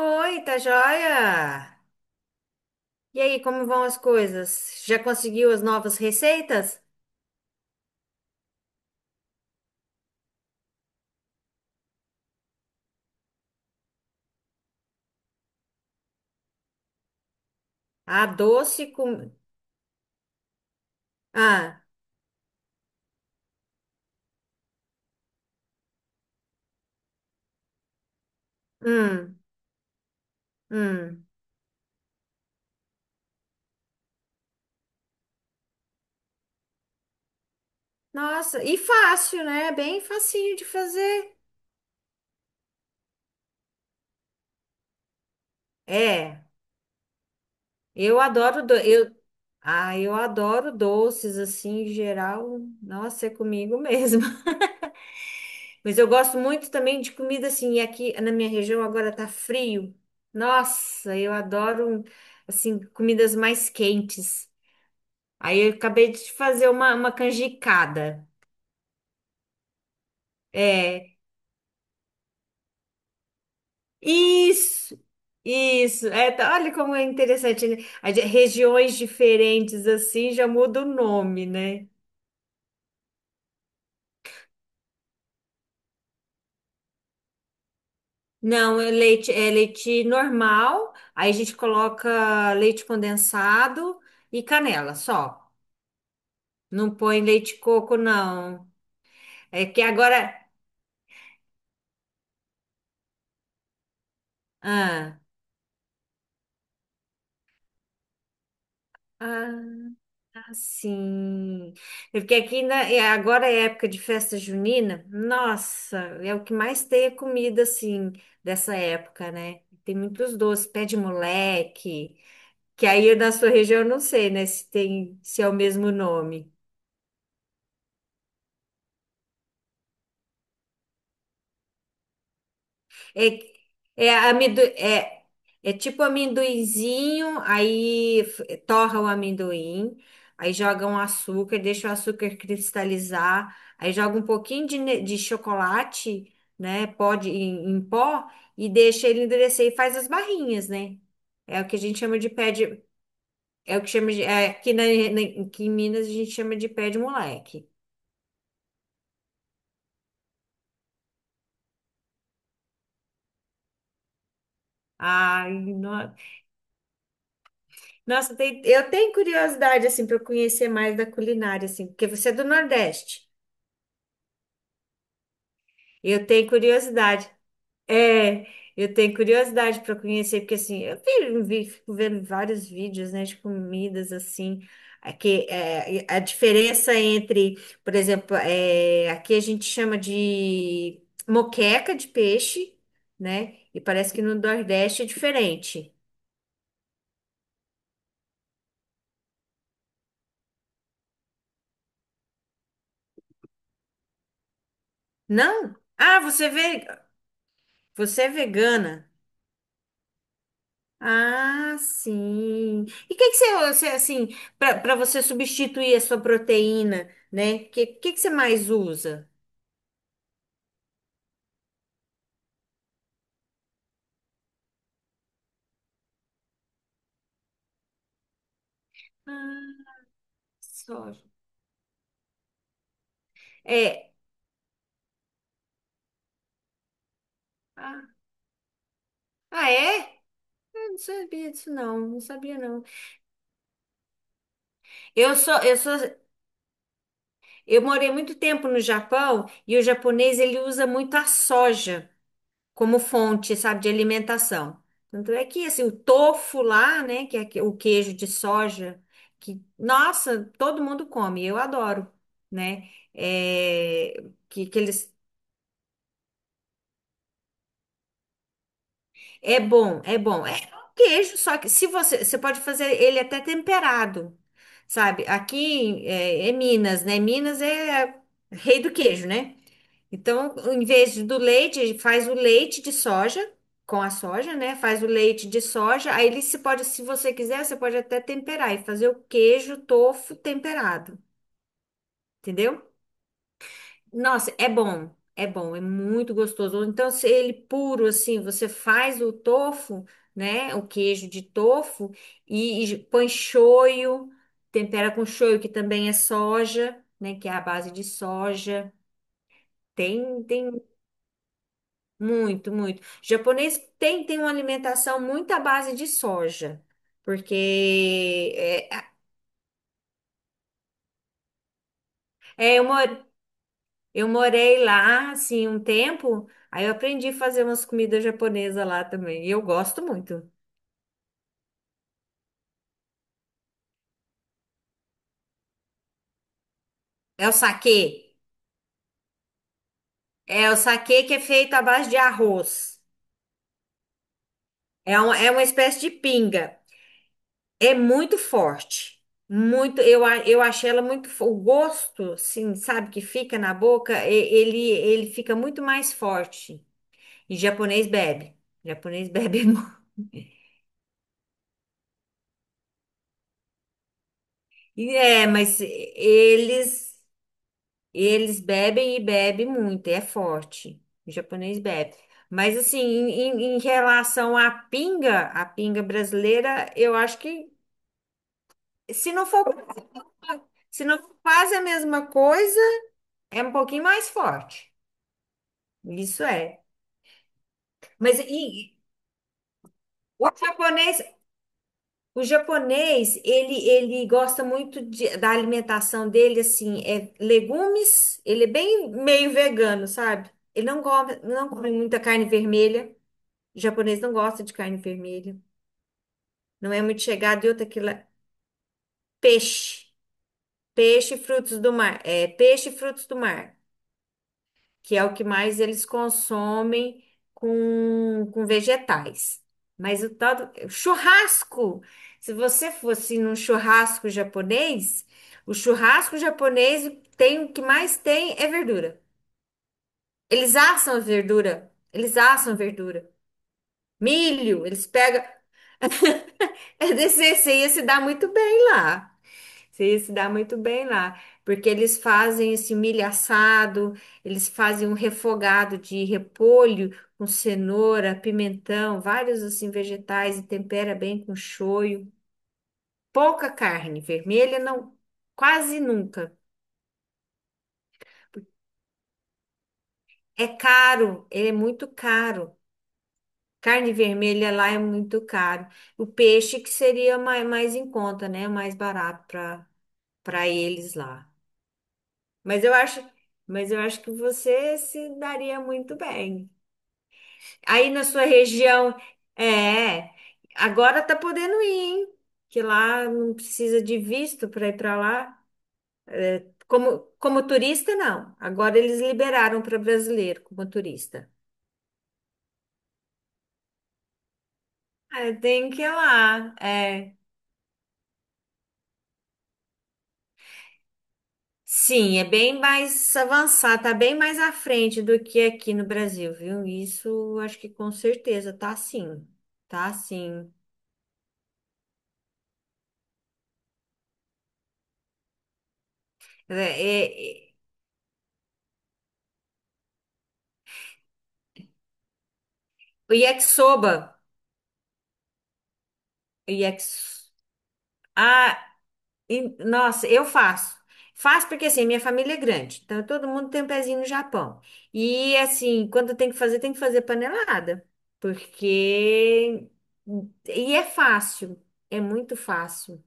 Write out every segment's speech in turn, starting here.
Oi, tá joia? E aí, como vão as coisas? Já conseguiu as novas receitas? Ah, doce com... Ah, hum, hum. Nossa, e fácil, né? Bem facinho de fazer. É, eu adoro... Do... Eu... Ah, eu adoro doces, assim, em geral. Nossa, é comigo mesmo. Mas eu gosto muito também de comida, assim, e aqui na minha região agora tá frio. Nossa, eu adoro, assim, comidas mais quentes. Aí eu acabei de fazer uma canjicada. É, isso, isso. É, olha como é interessante, né? Regiões diferentes assim já muda o nome, né? Não, é leite normal, aí a gente coloca leite condensado e canela só. Não põe leite de coco, não. É que agora. Ah, ah. Sim, é porque agora é época de festa junina, nossa, é o que mais tem é comida assim dessa época, né? Tem muitos doces, pé de moleque, que aí na sua região eu não sei, né, se tem, se é o mesmo nome. É, é, é tipo amendoinzinho, torra o amendoim, aí joga um açúcar, deixa o açúcar cristalizar, aí joga um pouquinho de chocolate, né? Em pó, e deixa ele endurecer e faz as barrinhas, né? É o que a gente chama de pé de. É o que chama de. É, aqui, aqui em Minas a gente chama de pé de moleque. Ai, não, nossa, eu tenho curiosidade, assim, para conhecer mais da culinária, assim, porque você é do Nordeste. Eu tenho curiosidade. É, eu tenho curiosidade para conhecer, porque, assim, eu fico vendo vários vídeos, né, de comidas, assim, a diferença entre, por exemplo, é, aqui a gente chama de moqueca de peixe, né, e parece que no Nordeste é diferente. Não? Você é vegana. Ah, sim. E o que que você, assim, para você substituir a sua proteína, né? Que que você mais usa? Ah, soja. É. Ah, ah, é? Eu não sabia disso, não. Não sabia, não. Eu sou, eu sou, eu morei muito tempo no Japão e o japonês, ele usa muito a soja, como fonte, sabe, de alimentação. Tanto é que, assim, o tofu lá, né, que é o queijo de soja, que, nossa, todo mundo come, eu adoro, né? É, que eles... É bom, é bom. É um queijo, só que se você... Você pode fazer ele até temperado, sabe? Aqui é, é Minas, né? Minas é rei do queijo, né? Então, em vez do leite, faz o leite de soja com a soja, né? Faz o leite de soja. Aí ele se pode, se você quiser, você pode até temperar e fazer o queijo tofu temperado, entendeu? Nossa, é bom, é bom, é muito gostoso. Ou então, se ele puro assim, você faz o tofu, né? O queijo de tofu e põe shoyu, tempera com shoyu, que também é soja, né? Que é a base de soja. Tem, tem Muito, muito. Japonês tem, tem uma alimentação muito à base de soja, porque é, eu, mo- eu morei lá, assim, um tempo, aí eu aprendi a fazer umas comidas japonesas lá também, e eu gosto muito. É o saquê, é o saquê que é feito à base de arroz, é, um, é uma espécie de pinga, é muito forte, muito, eu achei ela muito, o gosto, assim, sabe, que fica na boca, ele fica muito mais forte. E japonês bebe. Japonês bebe muito. E é, mas eles bebem e bebem muito, é forte. O japonês bebe. Mas assim, em relação à pinga, a pinga brasileira, eu acho que se não for, se não for quase a mesma coisa, é um pouquinho mais forte. Isso é. Mas e, o japonês, o japonês, ele gosta muito da alimentação dele, assim, é legumes, ele é bem meio vegano, sabe? Ele não come, não come muita carne vermelha. O japonês não gosta de carne vermelha. Não é muito chegado e outra que lá. Peixe. Peixe e frutos do mar. É, peixe e frutos do mar, que é o que mais eles consomem com vegetais. Mas o tal do churrasco, se você fosse num churrasco japonês, o churrasco japonês tem o que mais tem é verdura. Eles assam a verdura, eles assam a verdura. Milho, eles pegam. É desse, você ia se dar muito bem lá. Você ia se dar muito bem lá, porque eles fazem esse milho assado, eles fazem um refogado de repolho com cenoura, pimentão, vários assim vegetais e tempera bem com shoyu. Pouca carne vermelha, não, quase nunca. É caro, ele é muito caro. Carne vermelha lá é muito caro. O peixe que seria mais, mais em conta, né? Mais barato para para eles lá. Mas eu acho, mas eu acho que você se daria muito bem. Aí na sua região, é, agora tá podendo ir, hein? Que lá não precisa de visto para ir para lá. Como, como turista, não. Agora eles liberaram para brasileiro como turista. Ah, tem que ir lá. É. Sim, é bem mais avançado, tá bem mais à frente do que aqui no Brasil, viu? Isso acho que com certeza tá sim. Tá sim. É, é, o yakisoba. O yakis, Ah, e- nossa, eu faço. Faço porque assim, minha família é grande, então todo mundo tem um pezinho no Japão. E assim, quando tem que fazer panelada. Porque. E é fácil. É muito fácil.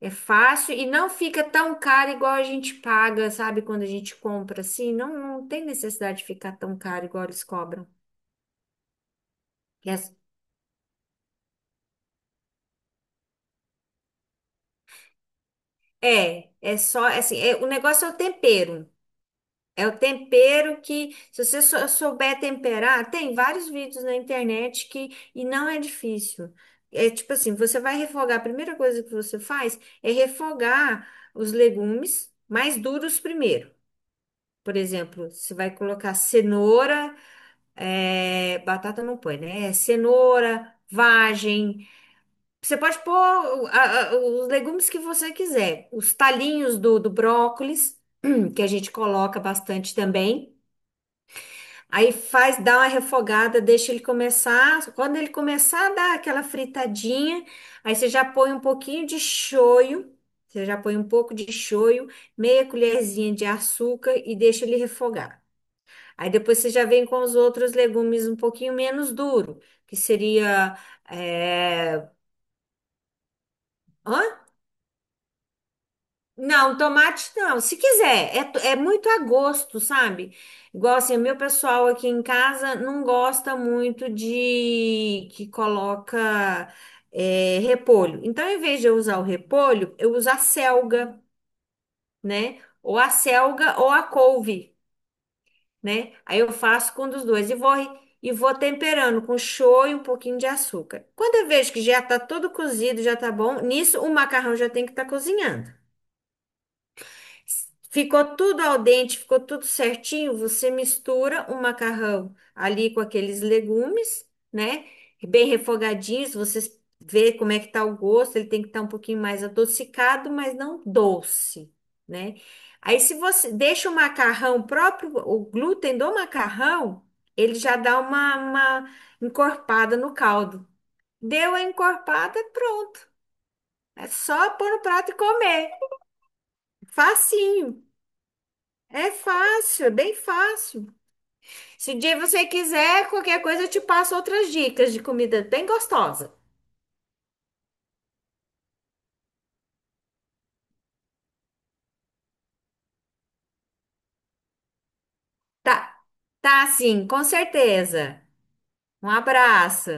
É fácil e não fica tão caro igual a gente paga, sabe? Quando a gente compra assim, não, não tem necessidade de ficar tão caro igual eles cobram. É, só assim, é, o negócio é o tempero. É o tempero que, se você souber temperar, tem vários vídeos na internet que, e não é difícil. É tipo assim, você vai refogar, a primeira coisa que você faz é refogar os legumes mais duros primeiro. Por exemplo, você vai colocar cenoura, é, batata não põe, né? É cenoura, vagem. Você pode pôr os legumes que você quiser. Os talinhos do brócolis, que a gente coloca bastante também. Aí faz, dá uma refogada, deixa ele começar. Quando ele começar a dar aquela fritadinha, aí você já põe um pouquinho de shoyu, você já põe um pouco de shoyu, meia colherzinha de açúcar e deixa ele refogar. Aí depois você já vem com os outros legumes um pouquinho menos duro, que seria, é, não, tomate não. Se quiser, é, é muito a gosto, sabe? Igual assim, o meu pessoal aqui em casa não gosta muito de que coloca é, repolho. Então, em vez de eu usar o repolho, eu uso a selga, né? Ou a selga ou a couve, né? Aí eu faço com um dos dois e vou temperando com show e um pouquinho de açúcar. Quando eu vejo que já tá todo cozido, já tá bom, nisso o macarrão já tem que estar cozinhando. Ficou tudo al dente, ficou tudo certinho. Você mistura o macarrão ali com aqueles legumes, né? Bem refogadinhos. Você vê como é que tá o gosto. Ele tem que estar um pouquinho mais adocicado, mas não doce, né? Aí, se você deixa o macarrão próprio, o glúten do macarrão, ele já dá uma encorpada no caldo. Deu a encorpada, pronto. É só pôr no prato e comer. Facinho. É fácil, é bem fácil. Se um dia você quiser, qualquer coisa eu te passo outras dicas de comida bem gostosa. Tá, tá sim, com certeza. Um abraço.